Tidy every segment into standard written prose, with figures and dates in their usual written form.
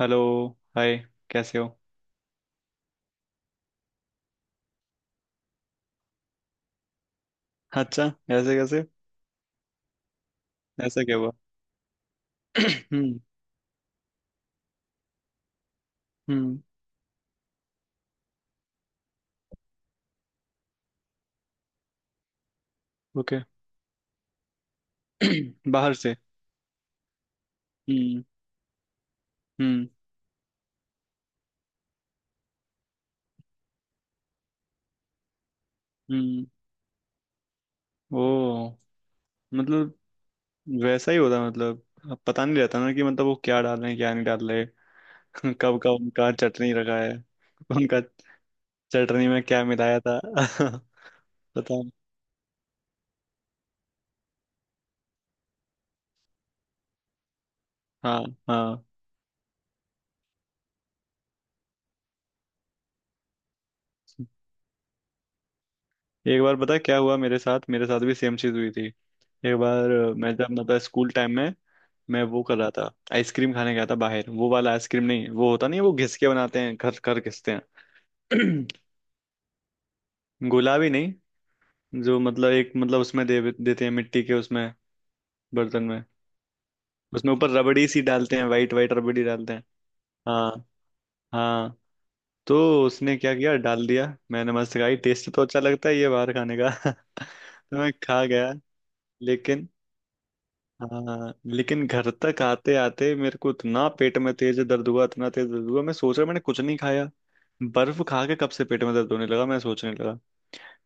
Hello. Hi. कैसे हो। अच्छा। ऐसे कैसे। ऐसा क्या हुआ। हम्म। हम्म। ओके। बाहर से। हम्म। हम्म। हम्म। ओ। मतलब, वैसा ही होता है। मतलब अब पता नहीं रहता ना कि मतलब वो क्या डाल रहे हैं, क्या नहीं डाल रहे। कब का उनका चटनी रखा है। उनका चटनी में क्या मिलाया था। पता नहीं। हाँ, हाँ, एक बार पता है क्या हुआ। मेरे साथ भी सेम चीज हुई थी एक बार। मैं जब मतलब स्कूल टाइम में मैं वो कर रहा था, आइसक्रीम खाने गया था बाहर। वो वाला आइसक्रीम नहीं, वो होता नहीं है, वो घिस के बनाते हैं, घर घर घिसते हैं। गुलाबी नहीं, जो मतलब एक मतलब उसमें दे देते हैं मिट्टी के उसमें बर्तन में। उसमें ऊपर रबड़ी सी डालते हैं, वाइट वाइट रबड़ी डालते हैं। हाँ, हाँ, तो उसने क्या किया, डाल दिया। मैंने मस्त खाई, टेस्ट तो अच्छा लगता है ये बाहर खाने का। तो मैं खा गया, लेकिन हाँ, लेकिन घर तक आते आते मेरे को इतना पेट में तेज दर्द हुआ, इतना तेज दर्द हुआ। मैं सोच रहा मैंने कुछ नहीं खाया, बर्फ खा के कब से पेट में दर्द होने लगा, मैं सोचने लगा।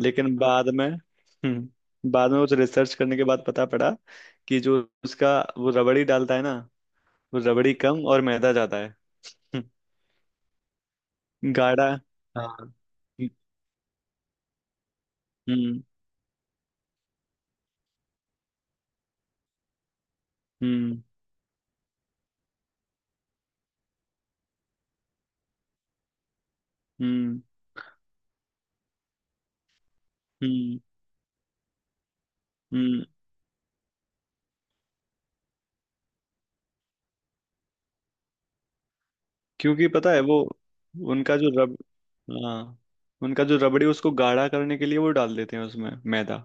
लेकिन बाद में हम्म, बाद में कुछ रिसर्च करने के बाद पता पड़ा कि जो उसका वो रबड़ी डालता है ना, वो रबड़ी कम और मैदा ज्यादा है। हम्म, गाढ़ा। हाँ। हम्म। हम्म। हम्म। हम्म। हम्म। क्योंकि पता है वो उनका जो रब, हाँ, उनका जो रबड़ी उसको गाढ़ा करने के लिए वो डाल देते हैं उसमें मैदा,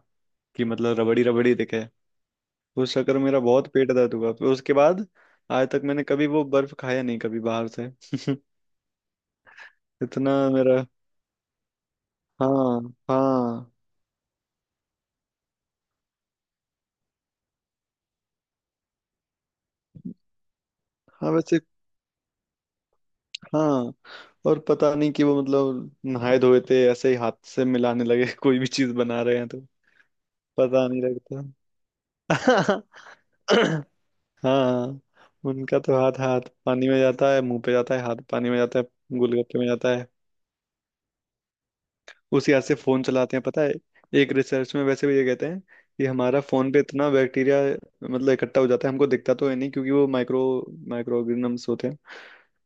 कि मतलब रबड़ी रबड़ी दिखे। उस चक्कर में मेरा बहुत पेट दर्द हुआ। फिर उसके बाद आज तक मैंने कभी वो बर्फ खाया नहीं, कभी बाहर से। इतना मेरा। हाँ, हाँ, हाँ, वैसे, हाँ। और पता नहीं कि वो मतलब नहाए धोए थे, ऐसे ही हाथ से मिलाने लगे कोई भी चीज बना रहे हैं तो। पता नहीं लगता। हाँ, उनका तो हाथ, हाथ पानी में जाता है, मुंह पे जाता है, हाथ पानी में जाता है, गोलगप्पे में जाता है। उसी हाथ से फोन चलाते हैं पता है। एक रिसर्च में वैसे भी ये कहते हैं कि हमारा फोन पे इतना बैक्टीरिया मतलब इकट्ठा हो जाता है, हमको दिखता तो है नहीं, क्योंकि वो माइक्रो माइक्रो ऑर्गेनिजम्स होते हैं,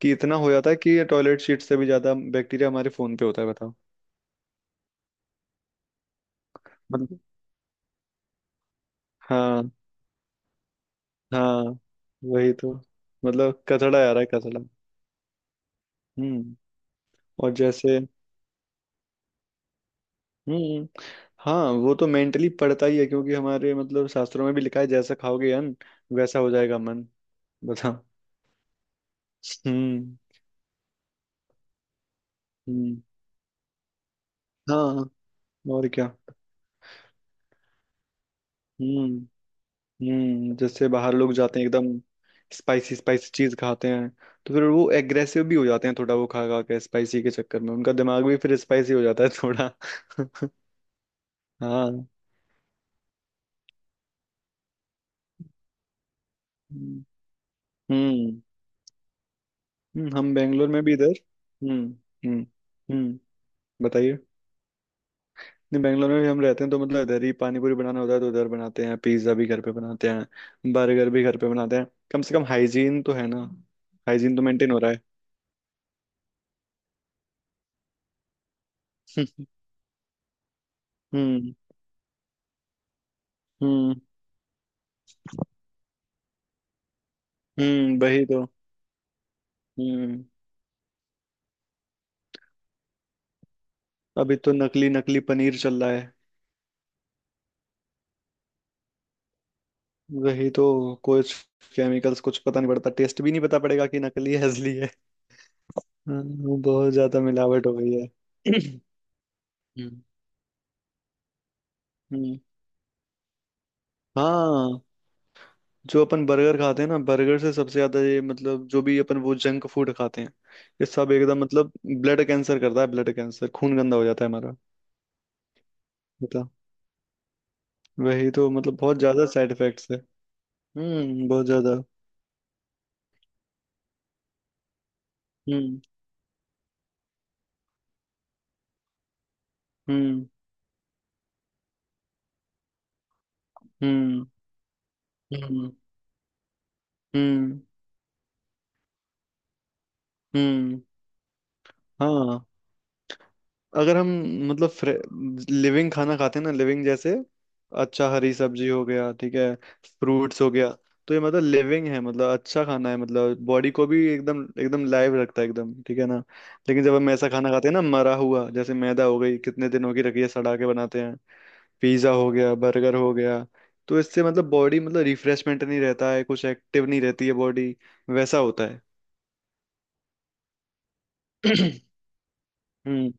कि इतना हो जाता है कि टॉयलेट सीट से भी ज्यादा बैक्टीरिया हमारे फोन पे होता है, बताओ। मतलब, हाँ, हाँ, वही तो, मतलब कचड़ा आ रहा है, कचड़ा। हम्म। और जैसे, हम्म, हाँ, वो तो मेंटली पड़ता ही है, क्योंकि हमारे मतलब शास्त्रों में भी लिखा है, जैसा खाओगे अन्न, वैसा हो जाएगा मन, बताओ। हम्म। हम्म। हाँ, और क्या। हम्म। हम्म, जैसे बाहर लोग जाते हैं एकदम स्पाइसी स्पाइसी चीज खाते हैं, तो फिर वो एग्रेसिव भी हो जाते हैं थोड़ा। वो खा खा के स्पाइसी के चक्कर में उनका दिमाग भी फिर स्पाइसी हो जाता है थोड़ा। हाँ। हम्म। हम्म, हम बेंगलोर में भी इधर। हम्म। हम्म। हम्म। बताइए। नहीं, बेंगलोर में भी हम रहते हैं, तो मतलब इधर ही पानी पूरी बनाना होता है, तो उधर बनाते हैं, पिज्जा भी घर पे बनाते हैं, बर्गर भी घर पे बनाते हैं। कम से कम हाइजीन तो है ना। हाइजीन तो मेंटेन हो रहा है। हम्म। हम्म। हम्म, वही तो। हम्म। अभी तो नकली नकली पनीर चल रहा है। वही तो। कुछ केमिकल्स कुछ, पता नहीं पड़ता, टेस्ट भी नहीं पता पड़ेगा कि नकली है असली है। बहुत ज्यादा मिलावट हो गई है। हम्म। हम्म। हाँ, जो अपन बर्गर खाते हैं ना, बर्गर से सबसे ज्यादा ये मतलब जो भी अपन वो जंक फूड खाते हैं, ये सब एकदम मतलब ब्लड कैंसर करता है। ब्लड कैंसर, खून गंदा हो जाता है हमारा। बता, वही तो, मतलब बहुत ज्यादा साइड इफेक्ट्स है। हम्म, बहुत ज्यादा। हम्म। हम्म। हम्म। हम्म। हम्म। हम्म। हाँ, अगर हम मतलब लिविंग खाना खाते हैं ना, लिविंग जैसे अच्छा हरी सब्जी हो गया, ठीक है, फ्रूट्स हो गया, तो ये मतलब लिविंग है, मतलब अच्छा खाना है, मतलब बॉडी को भी एकदम एकदम लाइव रखता है, एकदम ठीक है ना। लेकिन जब हम ऐसा खाना खाते हैं ना, मरा हुआ, जैसे मैदा हो गई, कितने दिनों की रखी है, सड़ा के बनाते हैं, पिज्ज़ा हो गया, बर्गर हो गया, तो इससे मतलब बॉडी मतलब रिफ्रेशमेंट नहीं रहता है, कुछ एक्टिव नहीं रहती है बॉडी, वैसा होता है। हम्म।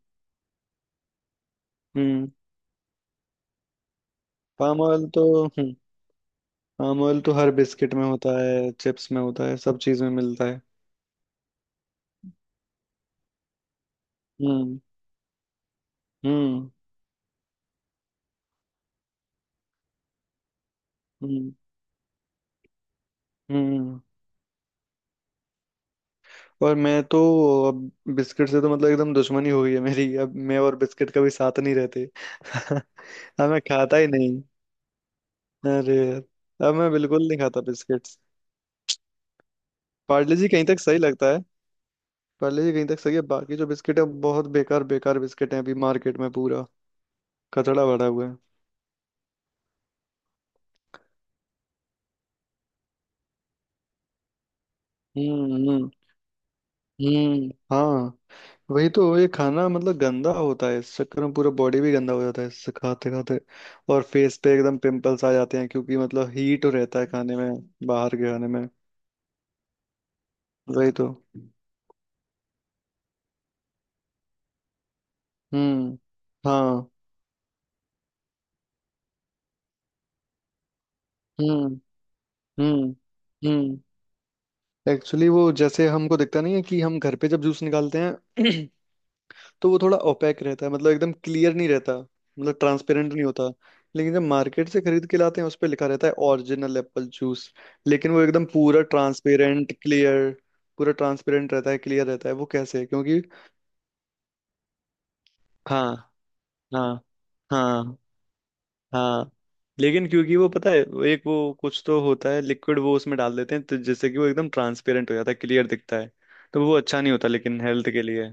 हम्म। पाम ऑयल तो हम्म, पाम ऑयल तो हर बिस्किट में होता है, चिप्स में होता है, सब चीज में मिलता है। हम्म। हम्म। हम्म। हम्म। और मैं तो अब बिस्किट से तो मतलब एकदम दुश्मनी हो गई है मेरी, अब मैं और बिस्किट कभी साथ नहीं रहते। अब मैं खाता ही नहीं। अरे यार, अब मैं बिल्कुल नहीं खाता बिस्किट्स। पार्ले जी कहीं तक सही लगता है। पार्ले जी कहीं तक सही है, बाकी जो बिस्किट है बहुत बेकार बेकार बिस्किट है अभी मार्केट में, पूरा कचड़ा भरा हुआ है। हम्म। हम्म। हम्म। हाँ, वही तो, ये खाना मतलब गंदा होता है, इस चक्कर में पूरा बॉडी भी गंदा हो जाता है इससे, खाते खाते। और फेस पे एकदम पिंपल्स आ जाते हैं, क्योंकि मतलब हीट रहता है खाने में, बाहर के खाने में। वही तो। हम्म। हाँ। हम्म। हम्म। हम्म, एक्चुअली वो जैसे हमको दिखता नहीं है कि हम घर पे जब जूस निकालते हैं, तो वो थोड़ा ओपेक रहता है, मतलब एकदम क्लियर नहीं रहता, मतलब ट्रांसपेरेंट नहीं होता। लेकिन जब मार्केट से खरीद के लाते हैं, उस पर लिखा रहता है ओरिजिनल एप्पल जूस, लेकिन वो एकदम पूरा ट्रांसपेरेंट क्लियर, पूरा ट्रांसपेरेंट रहता है, क्लियर रहता है, वो कैसे, क्योंकि हाँ, हाँ, हाँ, हाँ, लेकिन क्योंकि वो पता है वो एक वो कुछ तो होता है लिक्विड, वो उसमें डाल देते हैं, तो जिससे कि वो एकदम ट्रांसपेरेंट हो जाता है, क्लियर दिखता है। तो वो अच्छा नहीं होता लेकिन हेल्थ के लिए।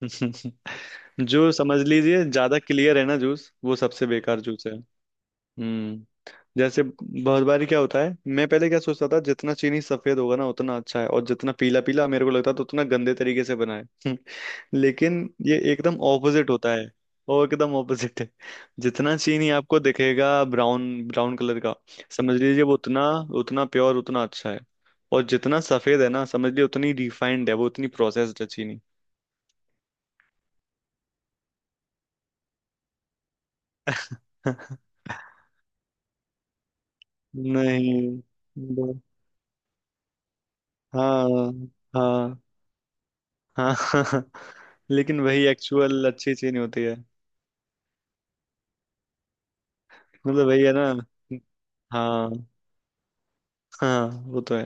जो समझ लीजिए ज्यादा क्लियर है ना जूस, वो सबसे बेकार जूस है। हम्म। जैसे बहुत बार क्या होता है, मैं पहले क्या सोचता था, जितना चीनी सफेद होगा ना, उतना अच्छा है, और जितना पीला पीला मेरे को लगता था उतना गंदे तरीके से बना है। लेकिन ये एकदम ऑपोजिट होता है, और एकदम ऑपोजिट है। जितना चीनी आपको दिखेगा ब्राउन ब्राउन कलर का, समझ लीजिए वो उतना, उतना प्योर, उतना अच्छा है। और जितना सफेद है ना, समझ लीजिए उतनी रिफाइंड है, वो उतनी प्रोसेस्ड है चीनी। नहीं, ब- हाँ, हाँ, हाँ। लेकिन वही एक्चुअल अच्छी चीज नहीं होती है। मतलब वही है ना। हाँ, हाँ, वो तो है।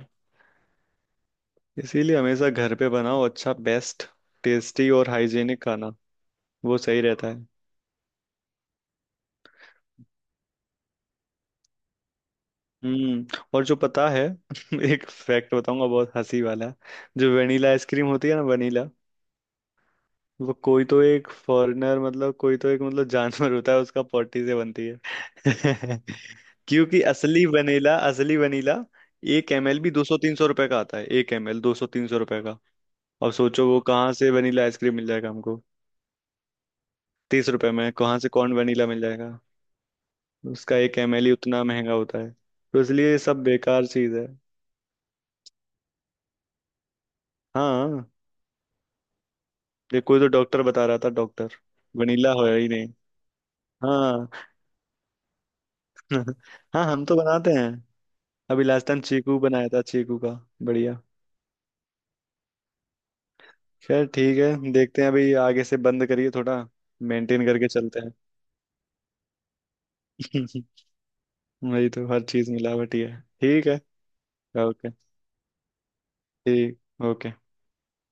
इसीलिए हमेशा घर पे बनाओ, अच्छा बेस्ट टेस्टी और हाइजीनिक खाना, वो सही रहता है। हम्म। और जो पता है एक फैक्ट बताऊंगा, बहुत हंसी वाला। जो वनीला आइसक्रीम होती है ना, वनीला, वो कोई तो एक फॉरेनर मतलब कोई तो एक मतलब जानवर होता है, उसका पॉटी से बनती है। क्योंकि असली वनीला, असली वनीला 1 ML भी 200-300 रुपए का आता है। एक एमएल 200-300 रुपए का। अब सोचो वो कहाँ से वनीला आइसक्रीम मिल जाएगा हमको, 30 रुपए में कहाँ से कौन वनीला मिल जाएगा। उसका 1 ML ही उतना महंगा होता है। तो इसलिए ये सब बेकार चीज है। हाँ, ये कोई तो डॉक्टर बता रहा था, डॉक्टर। वनीला हो ही नहीं। हाँ। हाँ, हम तो बनाते हैं। अभी लास्ट टाइम चीकू बनाया था, चीकू का। बढ़िया। खैर ठीक है, देखते हैं, अभी आगे से बंद करिए थोड़ा, मेंटेन करके चलते हैं। वही तो, हर चीज मिलावटी है। ठीक है। ओके। ठीक। ओके।